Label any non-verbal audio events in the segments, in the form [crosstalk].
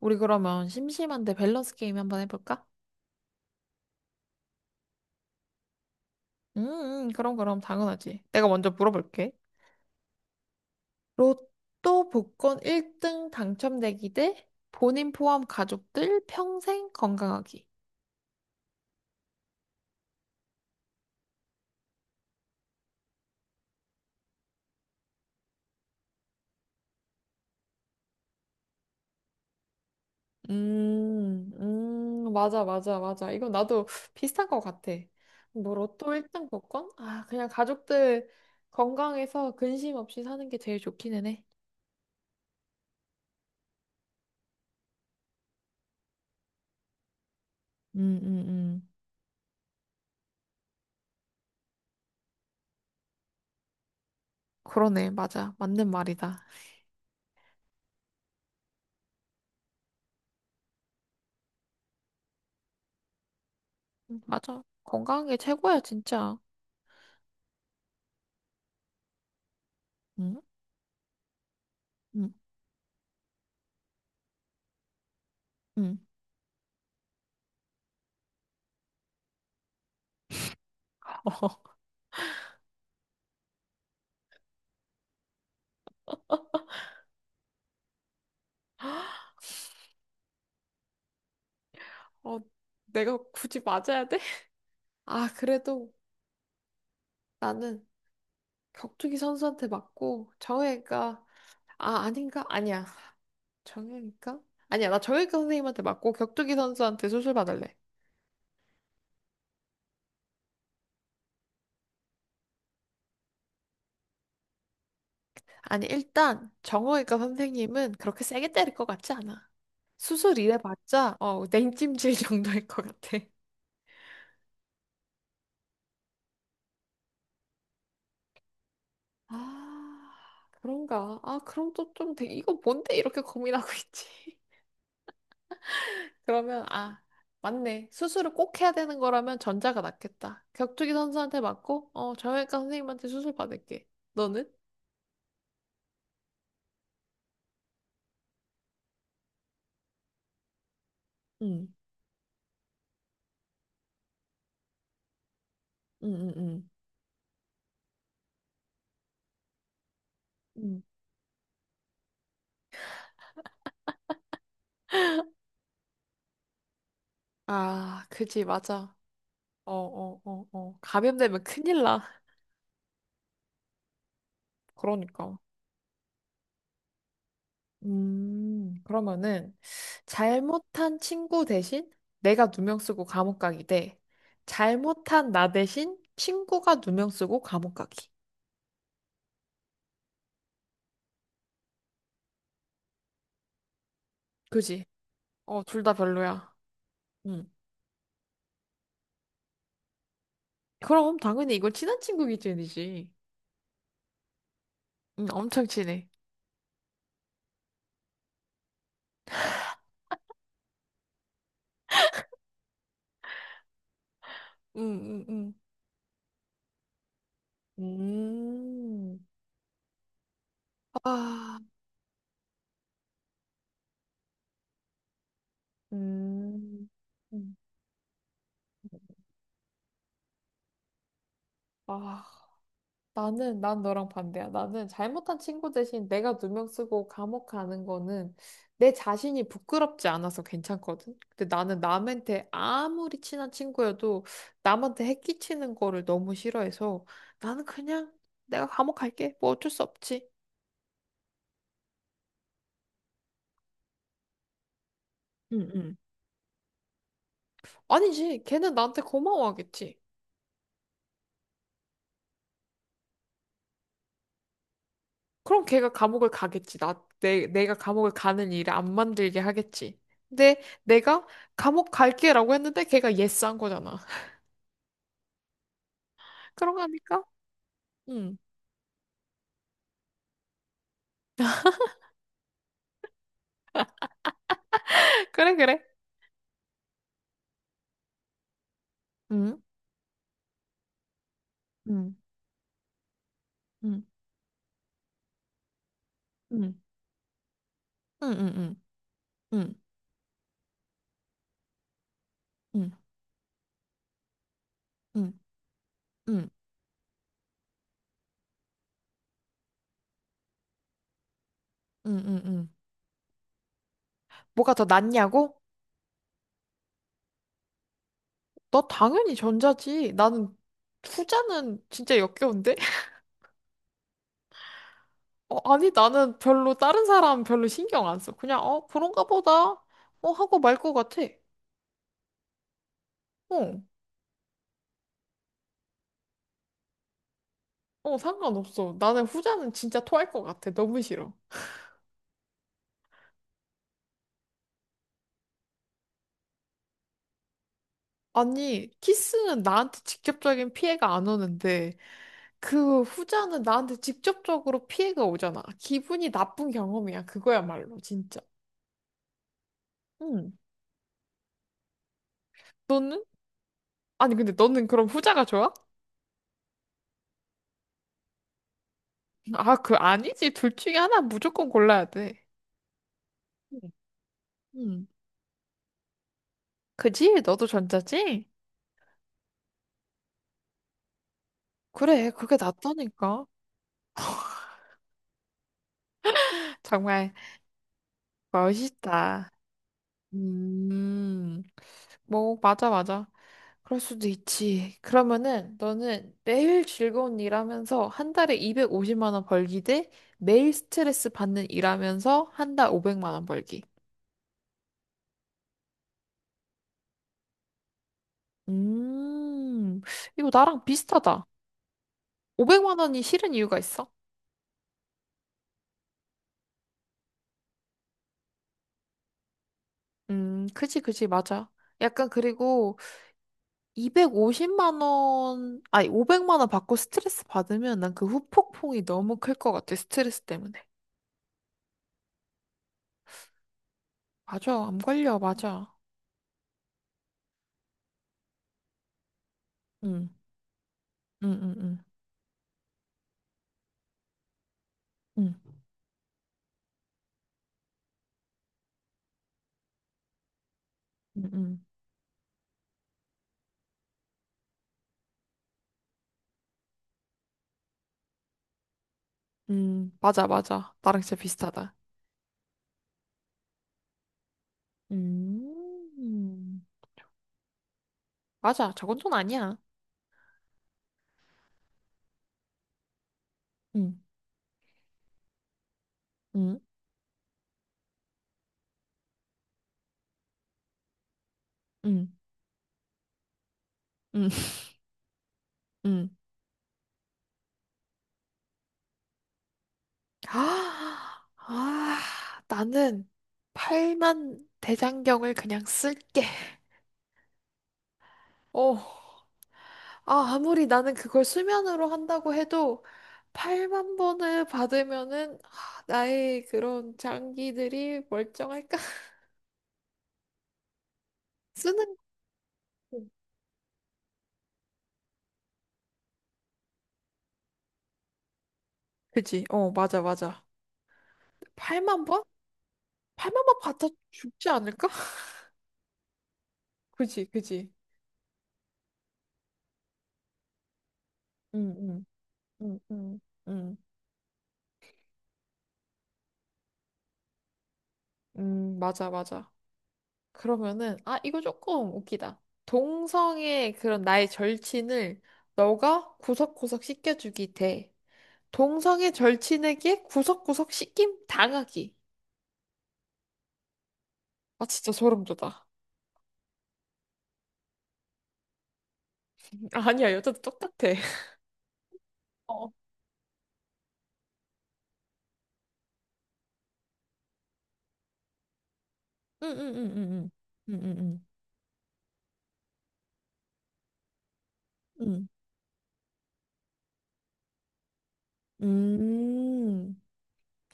우리 그러면 심심한데 밸런스 게임 한번 해볼까? 음, 그럼 당연하지. 내가 먼저 물어볼게. 로또 복권 1등 당첨되기 대 본인 포함 가족들 평생 건강하기. 맞아, 맞아, 맞아. 이건 나도 비슷한 것 같아. 뭐 로또 1등 복권? 아, 그냥 가족들 건강해서 근심 없이 사는 게 제일 좋기는 해. 음, 음, 음. 그러네, 맞아. 맞는 말이다. 맞아. 건강한 게 최고야, 진짜. 응? 응, 응. 어. [laughs] 어, 내가 굳이 맞아야 돼? 아, 그래도 나는 격투기 선수한테 맞고 정혜가 아, 아닌가? 아니야. 정혜니까? 아니야. 나 정혜가 선생님한테 맞고 격투기 선수한테 수술 받을래. 아니, 일단 정외과 선생님은 그렇게 세게 때릴 것 같지 않아. 수술 이래봤자 냉찜질 [laughs] 정도일 것 같아. 아, 그런가? 아, 그럼 또 좀, 이거 뭔데 이렇게 고민하고 있지? 그러면, 아, 맞네. 수술을 꼭 해야 되는 거라면 전자가 낫겠다. 격투기 선수한테 맞고, 정형외과 선생님한테 수술 받을게. 너는? 응, 응, 응, 응. 응 아, 그지, 맞아. 어, 어, 어, 어. 감염되면 큰일 나. 그러니까. 그러면은 잘못한 친구 대신 내가 누명 쓰고 감옥 가기 대 잘못한 나 대신 친구가 누명 쓰고 감옥 가기. 그지? 어, 둘 다 별로야. 그럼 당연히 이걸 친한 친구 기준이지. 응, 엄청 친해. 응, 응, 응. 아, 음, 음. 아, 난 너랑 반대야. 나는 잘못한 친구 대신 내가 누명 쓰고 감옥 가는 거는 내 자신이 부끄럽지 않아서 괜찮거든. 근데 나는 남한테 아무리 친한 친구여도 남한테 해끼치는 거를 너무 싫어해서 나는 그냥 내가 감옥 갈게. 뭐 어쩔 수 없지. 응응 아니지. 걔는 나한테 고마워하겠지. 그럼 걔가 감옥을 가겠지. 내가 감옥을 가는 일을 안 만들게 하겠지. 근데 내가 감옥 갈게라고 했는데 걔가 예스한 거잖아. [laughs] 그런 거니까? 응. 그래, 그래. 응, 응, 응, 응, 응, 응, 응, 응, 응, 응, 응, 응, 응. 응, 응. 뭐가 더 낫냐고? 너 당연히 전자지. 나는 후자는 진짜 역겨운데? 어, 아니, 나는 별로 다른 사람 별로 신경 안 써. 그냥, 그런가 보다. 어, 하고 말 것 같아. 어, 어, 상관없어. 나는 후자는 진짜 토할 것 같아. 너무 싫어. 아니, 키스는 나한테 직접적인 피해가 안 오는데, 그 후자는 나한테 직접적으로 피해가 오잖아. 기분이 나쁜 경험이야. 그거야말로, 진짜. 응. 너는? 아니, 근데 너는 그럼 후자가 좋아? 아, 그 아니지. 둘 중에 하나 무조건 골라야 돼. 응. 응. 그지? 너도 전자지? 그래, 그게 낫다니까. [laughs] 정말 멋있다. 음, 뭐, 맞아, 맞아. 그럴 수도 있지. 그러면은 너는 매일 즐거운 일 하면서 한 달에 250만 원 벌기 대 매일 스트레스 받는 일 하면서 한 달 500만 원 벌기. 음, 이거 나랑 비슷하다. 500만 원이 싫은 이유가 있어? 그지, 그지, 맞아. 약간 그리고 250만 원, 아니, 500만 원 받고 스트레스 받으면 난 그 후폭풍이 너무 클 것 같아, 스트레스 때문에. 맞아, 암 걸려, 맞아. 응, 응, 응, 응, 응, 응, 응, 응, 맞아, 맞아. 나랑 진짜 비슷하다. 음, 맞아, 저건 돈 아니야. 응, 응, 응, 응, 응. 아, 아, 나는 팔만 대장경을 그냥 쓸게. 어. 아, 아무리 나는 그걸 수면으로 한다고 해도 8만 번을 받으면은 아, 나의 그런 장기들이 멀쩡할까? [laughs] 쓰는 거. 그지? 어, 맞아, 맞아. 8만 번? 8만 번 받아 죽지 않을까? [laughs] 그지, 그지. 응, 응, 응, 응, 응, 응, 맞아, 맞아. 그러면은 아, 이거 조금 웃기다. 동성의 그런 나의 절친을 너가 구석구석 씻겨주기 대 동성애 절친에게 구석구석 씻김 당하기. 아, 진짜 소름 돋아. 아니야, 여자도 똑같아. 어. 응응응응응. 응응응. 응. 응, 응, 응, 응, 응. 응. 음.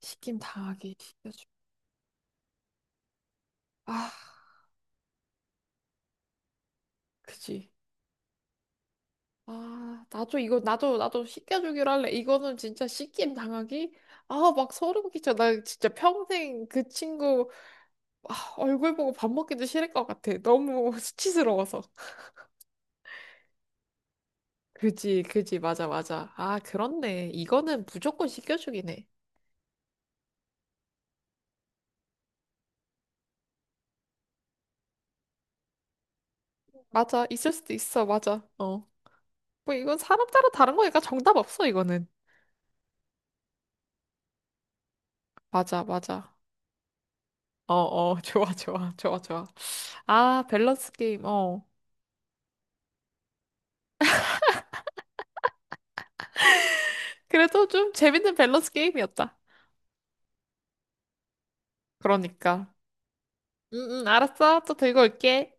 시김 당하기 시켜주. 아, 그지. 아, 나도 이거 나도 시켜주기로 할래. 이거는 진짜 시김 당하기. 아, 막 소름 끼쳐. 나 진짜 평생 그 친구 아, 얼굴 보고 밥 먹기도 싫을 것 같아. 너무 [laughs] 수치스러워서. 그지, 그지, 맞아, 맞아. 아, 그렇네. 이거는 무조건 시켜주긴 해. 맞아, 있을 수도 있어, 맞아. 어. 뭐, 이건 사람 따라 다른 거니까 정답 없어, 이거는. 맞아, 맞아. 어, 어, [laughs] 좋아, 좋아, 좋아, 좋아. 아, 밸런스 게임, 어. 그래도 좀 재밌는 밸런스 게임이었다. 그러니까. 응, 응, 알았어. 또 들고 올게.